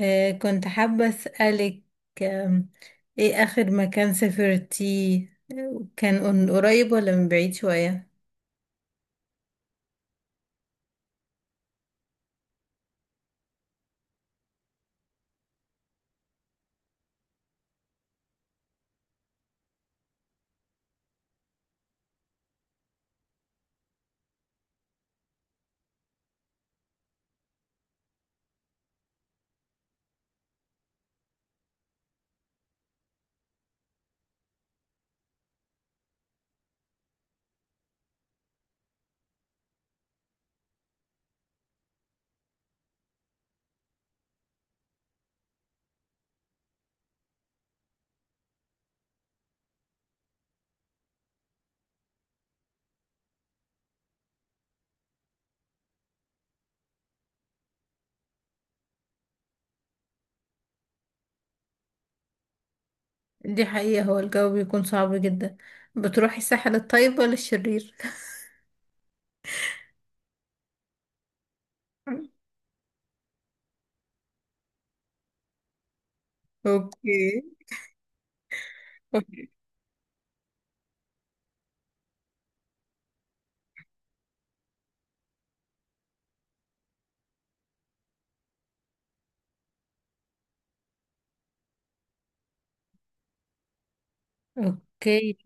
كنت حابة أسألك. آم، إيه آخر مكان سافرتيه؟ كان من قريب ولا من بعيد شوية؟ دي حقيقة، هو الجو بيكون صعب جدا. بتروحي الساحل الطيب ولا الشرير؟ اوكي، أوكي. اوكي،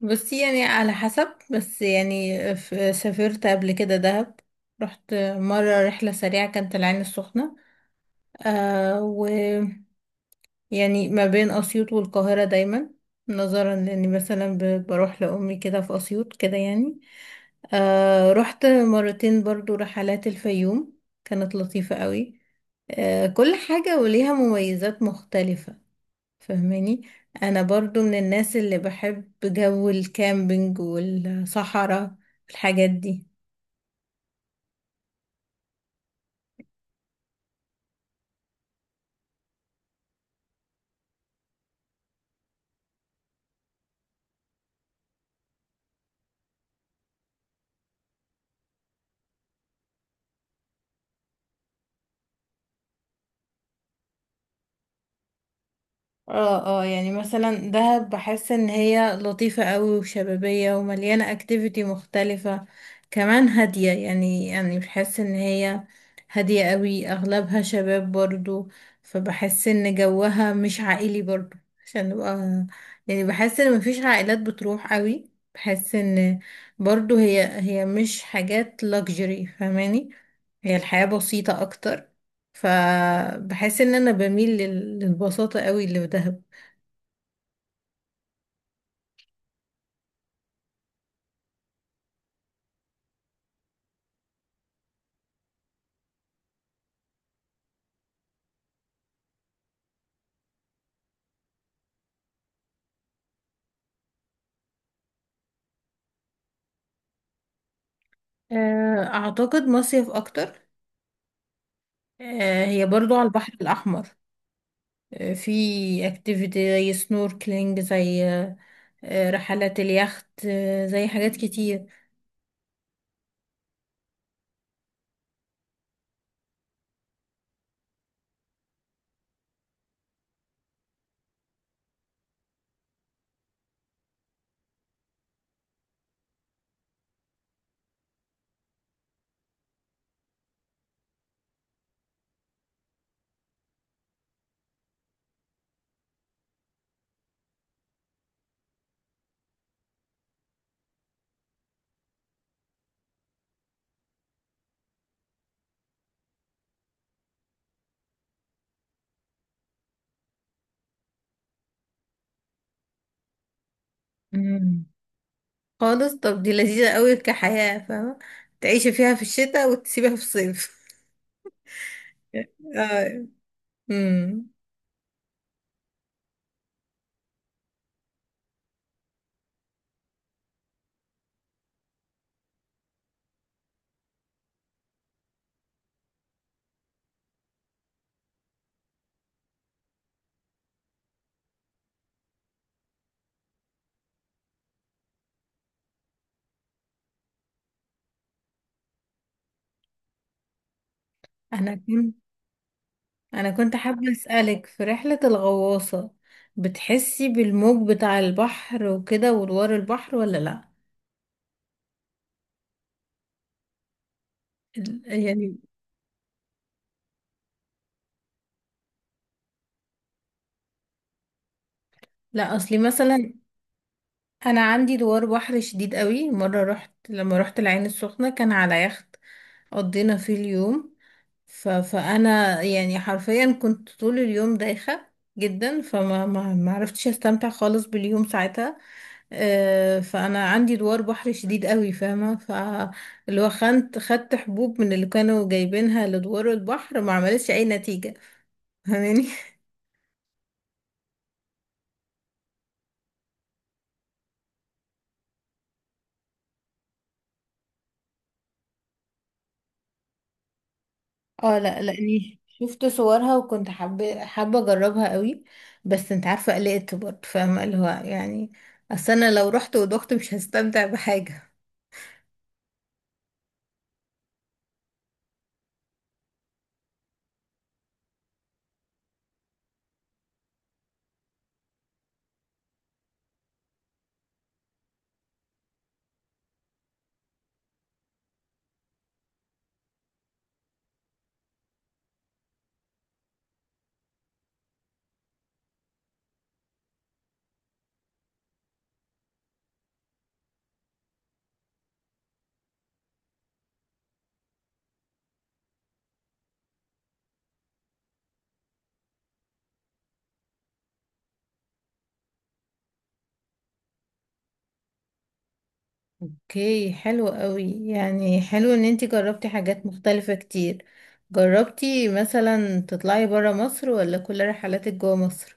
بصي يعني على حسب، بس يعني سافرت قبل كده دهب. رحت مرة رحلة سريعة، كانت العين السخنة. آه يعني ما بين أسيوط والقاهرة دايما، نظرا لأني مثلا بروح لأمي كده في أسيوط كده يعني. آه، رحت مرتين برضو رحلات الفيوم، كانت لطيفة قوي. كل حاجة وليها مميزات مختلفة، فهماني. أنا برضو من الناس اللي بحب جو الكامبينج والصحراء والحاجات دي. اه، اه، يعني مثلا دهب بحس ان هي لطيفة قوي وشبابية ومليانة اكتيفيتي مختلفة. كمان هادية، يعني بحس ان هي هادية قوي، اغلبها شباب برضو. فبحس ان جوها مش عائلي برضو، عشان نبقى يعني بحس ان مفيش عائلات بتروح قوي. بحس ان برضو هي مش حاجات luxury، فاهماني. هي الحياة بسيطة اكتر، فبحس ان انا بميل للبساطة قوي اللي في دهب. آه، اعتقد مصيف اكتر. آه، هي برضو على البحر الاحمر. آه، في اكتيفيتي زي سنوركلينج، زي رحلات اليخت، زي حاجات كتير. مم. خالص، طب دي لذيذة قوي كحياة، فاهمة، تعيشي فيها في الشتاء وتسيبها في الصيف. آه. مم. انا كنت انا كنت حابة اسألك في رحلة الغواصة. بتحسي بالموج بتاع البحر وكده وادوار البحر ولا لا؟ يعني لا، اصلي مثلا انا عندي دوار بحر شديد قوي. مره رحت، لما رحت العين السخنه، كان على يخت قضينا فيه اليوم. فانا يعني حرفيا كنت طول اليوم دايخه جدا، فما ما ما عرفتش استمتع خالص باليوم ساعتها. آه، فانا عندي دوار بحر شديد قوي، فاهمه، فاللي هو خدت حبوب من اللي كانوا جايبينها لدوار البحر، ما عملتش اي نتيجه، فاهماني. اه، لا، لاني شفت صورها وكنت حابه حابه اجربها قوي. بس انت عارفه، قلقت برضه، فاهمه اللي هو يعني، اصل انا لو رحت ودخت مش هستمتع بحاجه. اوكي، حلو قوي، يعني حلو ان انتي جربتي حاجات مختلفه كتير. جربتي مثلا تطلعي برا مصر ولا كل رحلاتك جوا مصر؟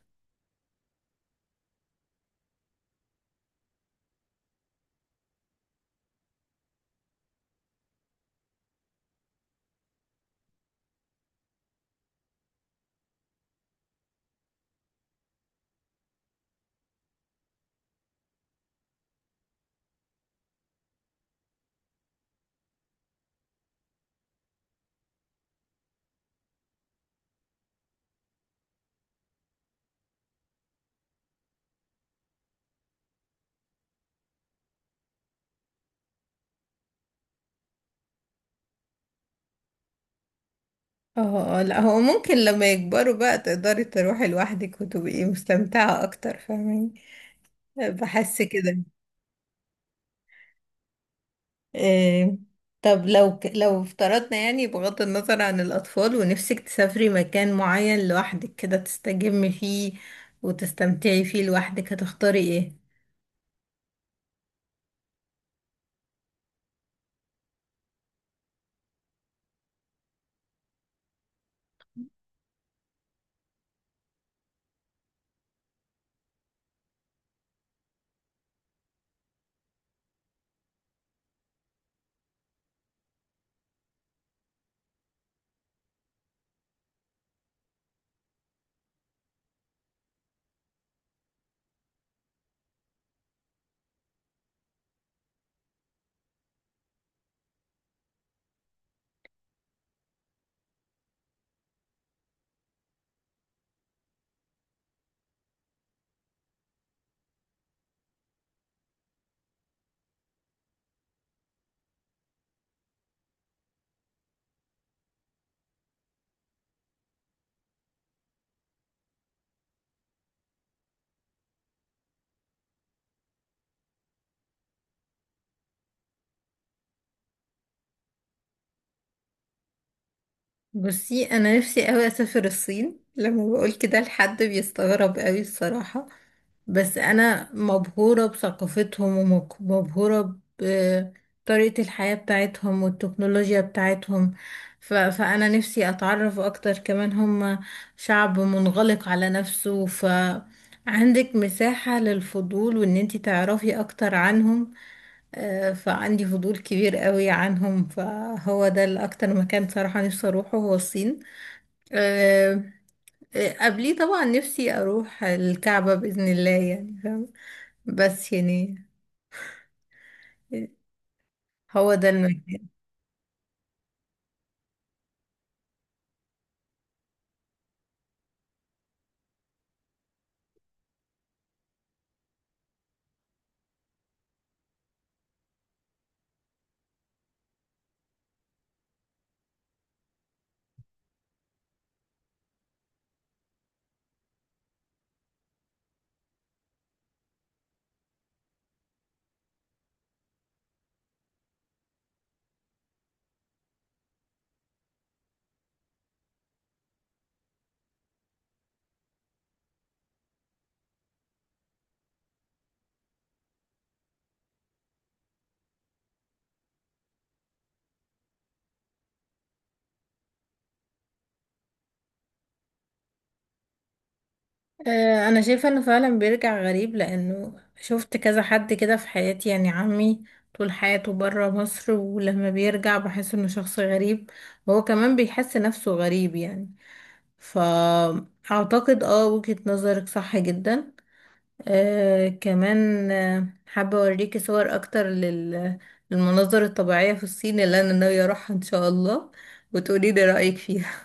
اه، اه، لا هو ممكن لما يكبروا بقى تقدري تروحي لوحدك وتبقي مستمتعه اكتر، فاهمين، بحس كده. إيه، طب لو لو افترضنا يعني، بغض النظر عن الأطفال، ونفسك تسافري مكان معين لوحدك كده تستجمي فيه وتستمتعي فيه لوحدك، هتختاري ايه؟ بصي انا نفسي قوي اسافر الصين. لما بقول كده لحد بيستغرب قوي الصراحة، بس انا مبهورة بثقافتهم، ومبهورة بطريقة الحياة بتاعتهم والتكنولوجيا بتاعتهم. فانا نفسي اتعرف اكتر كمان. هم شعب منغلق على نفسه، فعندك مساحة للفضول وان انتي تعرفي اكتر عنهم. آه، فعندي فضول كبير قوي عنهم، فهو ده الأكتر مكان صراحة نفسي أروحه، هو الصين. آه، قبليه طبعا نفسي أروح الكعبة بإذن الله، يعني فاهم. بس يعني هو ده المكان. آه، أنا شايفة إنه فعلا بيرجع غريب، لأنه شفت كذا حد كده في حياتي. يعني عمي طول حياته برا مصر، ولما بيرجع بحس إنه شخص غريب، وهو كمان بيحس نفسه غريب يعني. فأعتقد وجهة نظرك صح جدا. كمان حابة أوريكي صور أكتر للمناظر الطبيعية في الصين اللي أنا ناوية أروحها إن شاء الله، وتقولي لي رأيك فيها.